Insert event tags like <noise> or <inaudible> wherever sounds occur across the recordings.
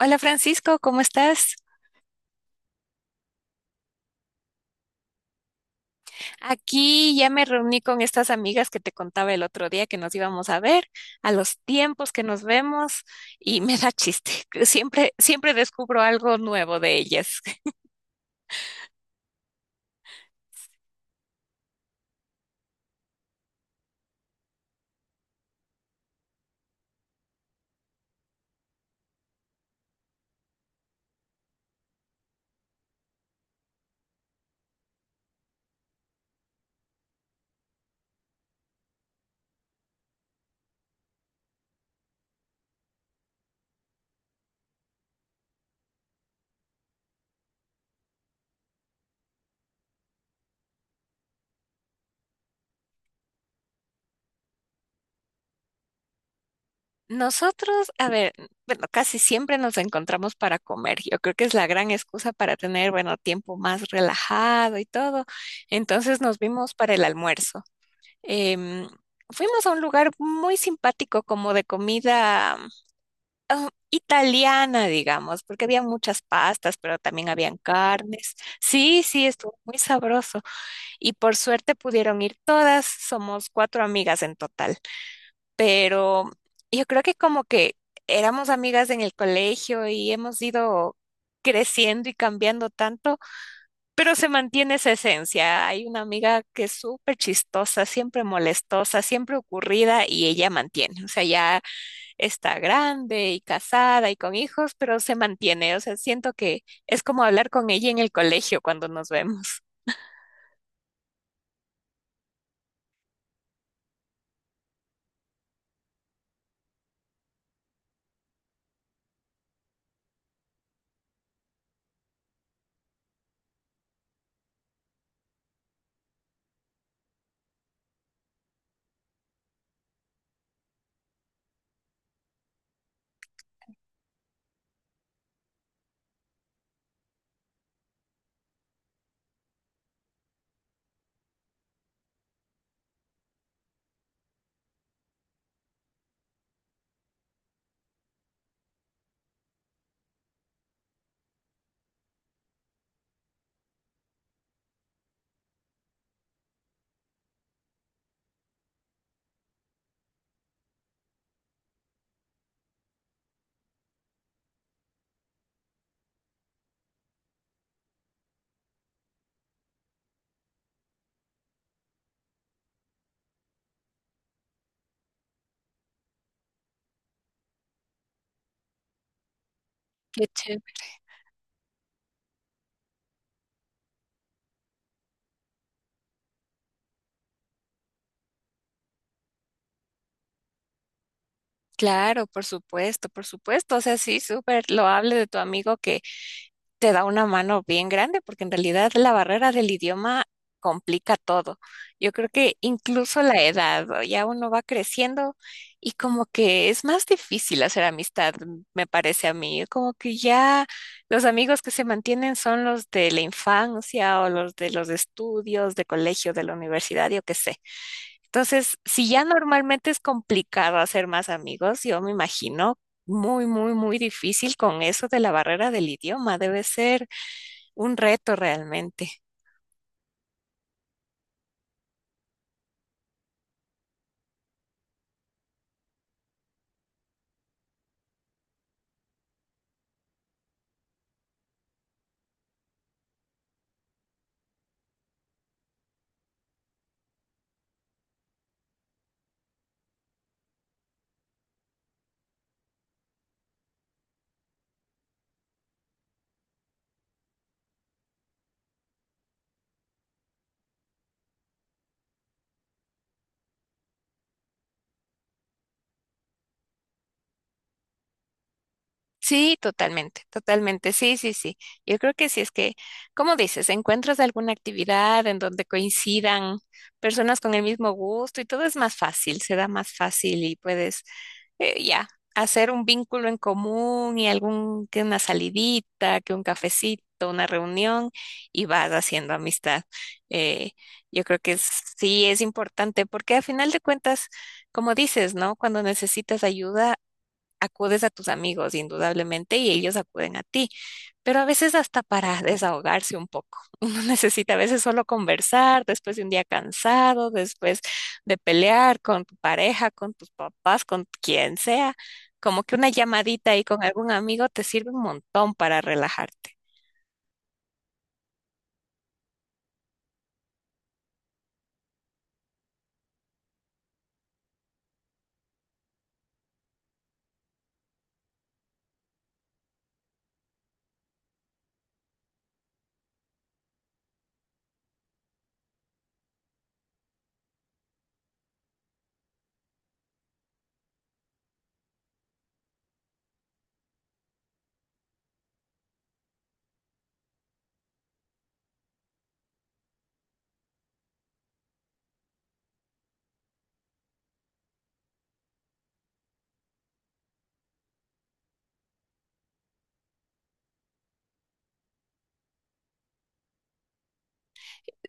Hola Francisco, ¿cómo estás? Aquí ya me reuní con estas amigas que te contaba el otro día que nos íbamos a ver, a los tiempos que nos vemos y me da chiste, <laughs> que siempre siempre descubro algo nuevo de ellas. <laughs> Nosotros, a ver, bueno, casi siempre nos encontramos para comer. Yo creo que es la gran excusa para tener, bueno, tiempo más relajado y todo. Entonces nos vimos para el almuerzo. Em, fuimos a un lugar muy simpático como de comida italiana, digamos, porque había muchas pastas, pero también habían carnes. Sí, sí, estuvo muy sabroso. Y por suerte pudieron ir todas, somos cuatro amigas en total. Pero yo creo que como que éramos amigas en el colegio y hemos ido creciendo y cambiando tanto, pero se mantiene esa esencia. Hay una amiga que es súper chistosa, siempre molestosa, siempre ocurrida y ella mantiene. O sea, ya está grande y casada y con hijos, pero se mantiene. O sea, siento que es como hablar con ella en el colegio cuando nos vemos. Qué chévere. Claro, por supuesto, por supuesto. O sea, sí, súper loable de tu amigo que te da una mano bien grande, porque en realidad la barrera del idioma complica todo. Yo creo que incluso la edad, o ya uno va creciendo y como que es más difícil hacer amistad, me parece a mí. Como que ya los amigos que se mantienen son los de la infancia o los de los estudios, de colegio, de la universidad, yo qué sé. Entonces, si ya normalmente es complicado hacer más amigos, yo me imagino muy, muy, muy difícil con eso de la barrera del idioma. Debe ser un reto realmente. Sí, totalmente, totalmente, sí, sí, sí. Yo creo que sí es que, como dices, encuentras alguna actividad en donde coincidan personas con el mismo gusto y todo es más fácil, se da más fácil y puedes ya, hacer un vínculo en común y algún, que una salidita, que un cafecito, una reunión y vas haciendo amistad. Eh, yo creo que sí es importante porque al final de cuentas, como dices, ¿no? Cuando necesitas ayuda, acudes a tus amigos indudablemente y ellos acuden a ti. Pero a veces hasta para desahogarse un poco. <laughs> Uno necesita a veces solo conversar después de un día cansado, después de pelear con tu pareja, con tus papás, con quien sea. Como que una llamadita ahí con algún amigo te sirve un montón para relajarte.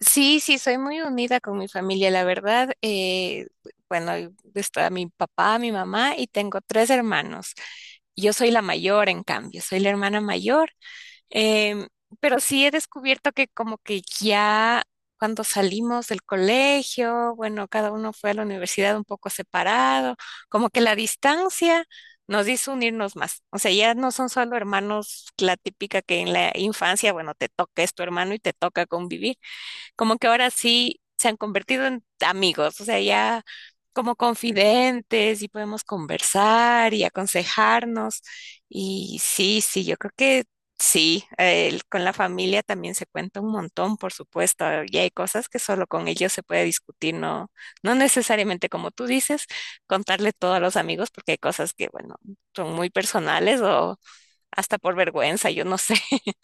Sí, sí, soy muy unida con mi familia, la verdad. Bueno, y está mi papá, mi mamá y tengo tres hermanos. Yo soy la mayor, en cambio, soy la hermana mayor. Em, pero sí he descubierto que como que ya cuando salimos del colegio, bueno, cada uno fue a la universidad un poco separado, como que la distancia nos hizo unirnos más. O sea, ya no son solo hermanos, la típica que en la infancia, bueno, te toca, es tu hermano y te toca convivir, como que ahora sí se han convertido en amigos, o sea, ya como confidentes y podemos conversar y aconsejarnos. Y sí, sí, yo creo que sí, con la familia también se cuenta un montón, por supuesto, y hay cosas que solo con ellos se puede discutir, no, no necesariamente como tú dices, contarle todo a los amigos, porque hay cosas que, bueno, son muy personales o hasta por vergüenza, yo no sé. <laughs>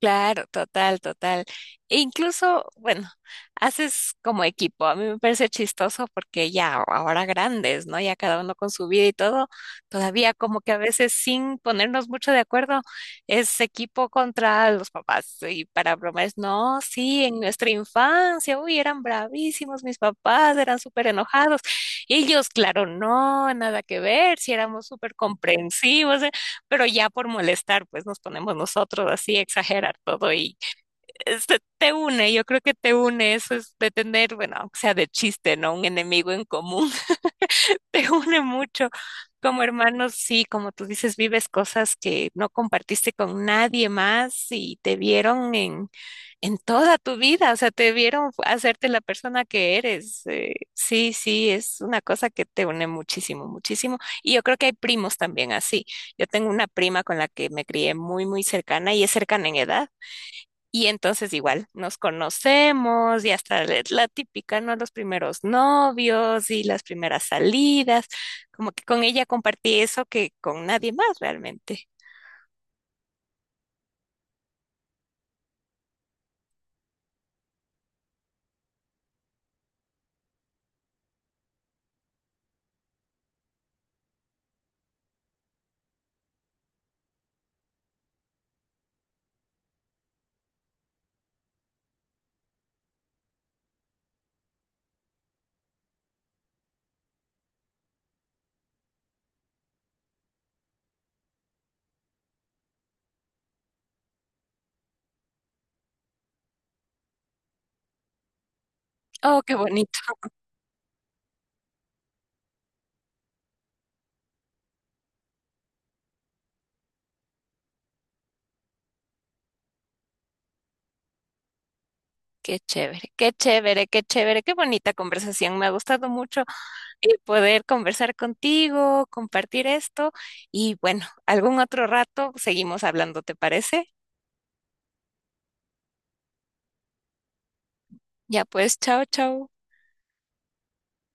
Claro, total, total. E incluso, bueno, haces como equipo. A mí me parece chistoso porque ya ahora grandes, ¿no? Ya cada uno con su vida y todo, todavía como que a veces sin ponernos mucho de acuerdo, es equipo contra los papás. Y para bromas, no, sí, en nuestra infancia, uy, eran bravísimos mis papás, eran súper enojados. Ellos, claro, no, nada que ver, si éramos súper comprensivos. Pero ya por molestar, pues nos ponemos nosotros así a exagerar todo y este, te une, yo creo que te une eso es de tener, bueno, aunque sea de chiste, ¿no? Un enemigo en común, <laughs> te une mucho. Como hermanos, sí, como tú dices, vives cosas que no compartiste con nadie más y te vieron en toda tu vida, o sea, te vieron hacerte la persona que eres. Sí, sí, es una cosa que te une muchísimo, muchísimo. Y yo creo que hay primos también así. Yo tengo una prima con la que me crié muy, muy cercana y es cercana en edad. Y entonces igual nos conocemos y hasta la típica, ¿no? Los primeros novios y las primeras salidas, como que con ella compartí eso que con nadie más realmente. Oh, qué bonito, qué chévere, qué chévere, qué chévere, qué bonita conversación. Me ha gustado mucho y poder conversar contigo, compartir esto y bueno, algún otro rato seguimos hablando, ¿te parece? Ya pues, chao, chao.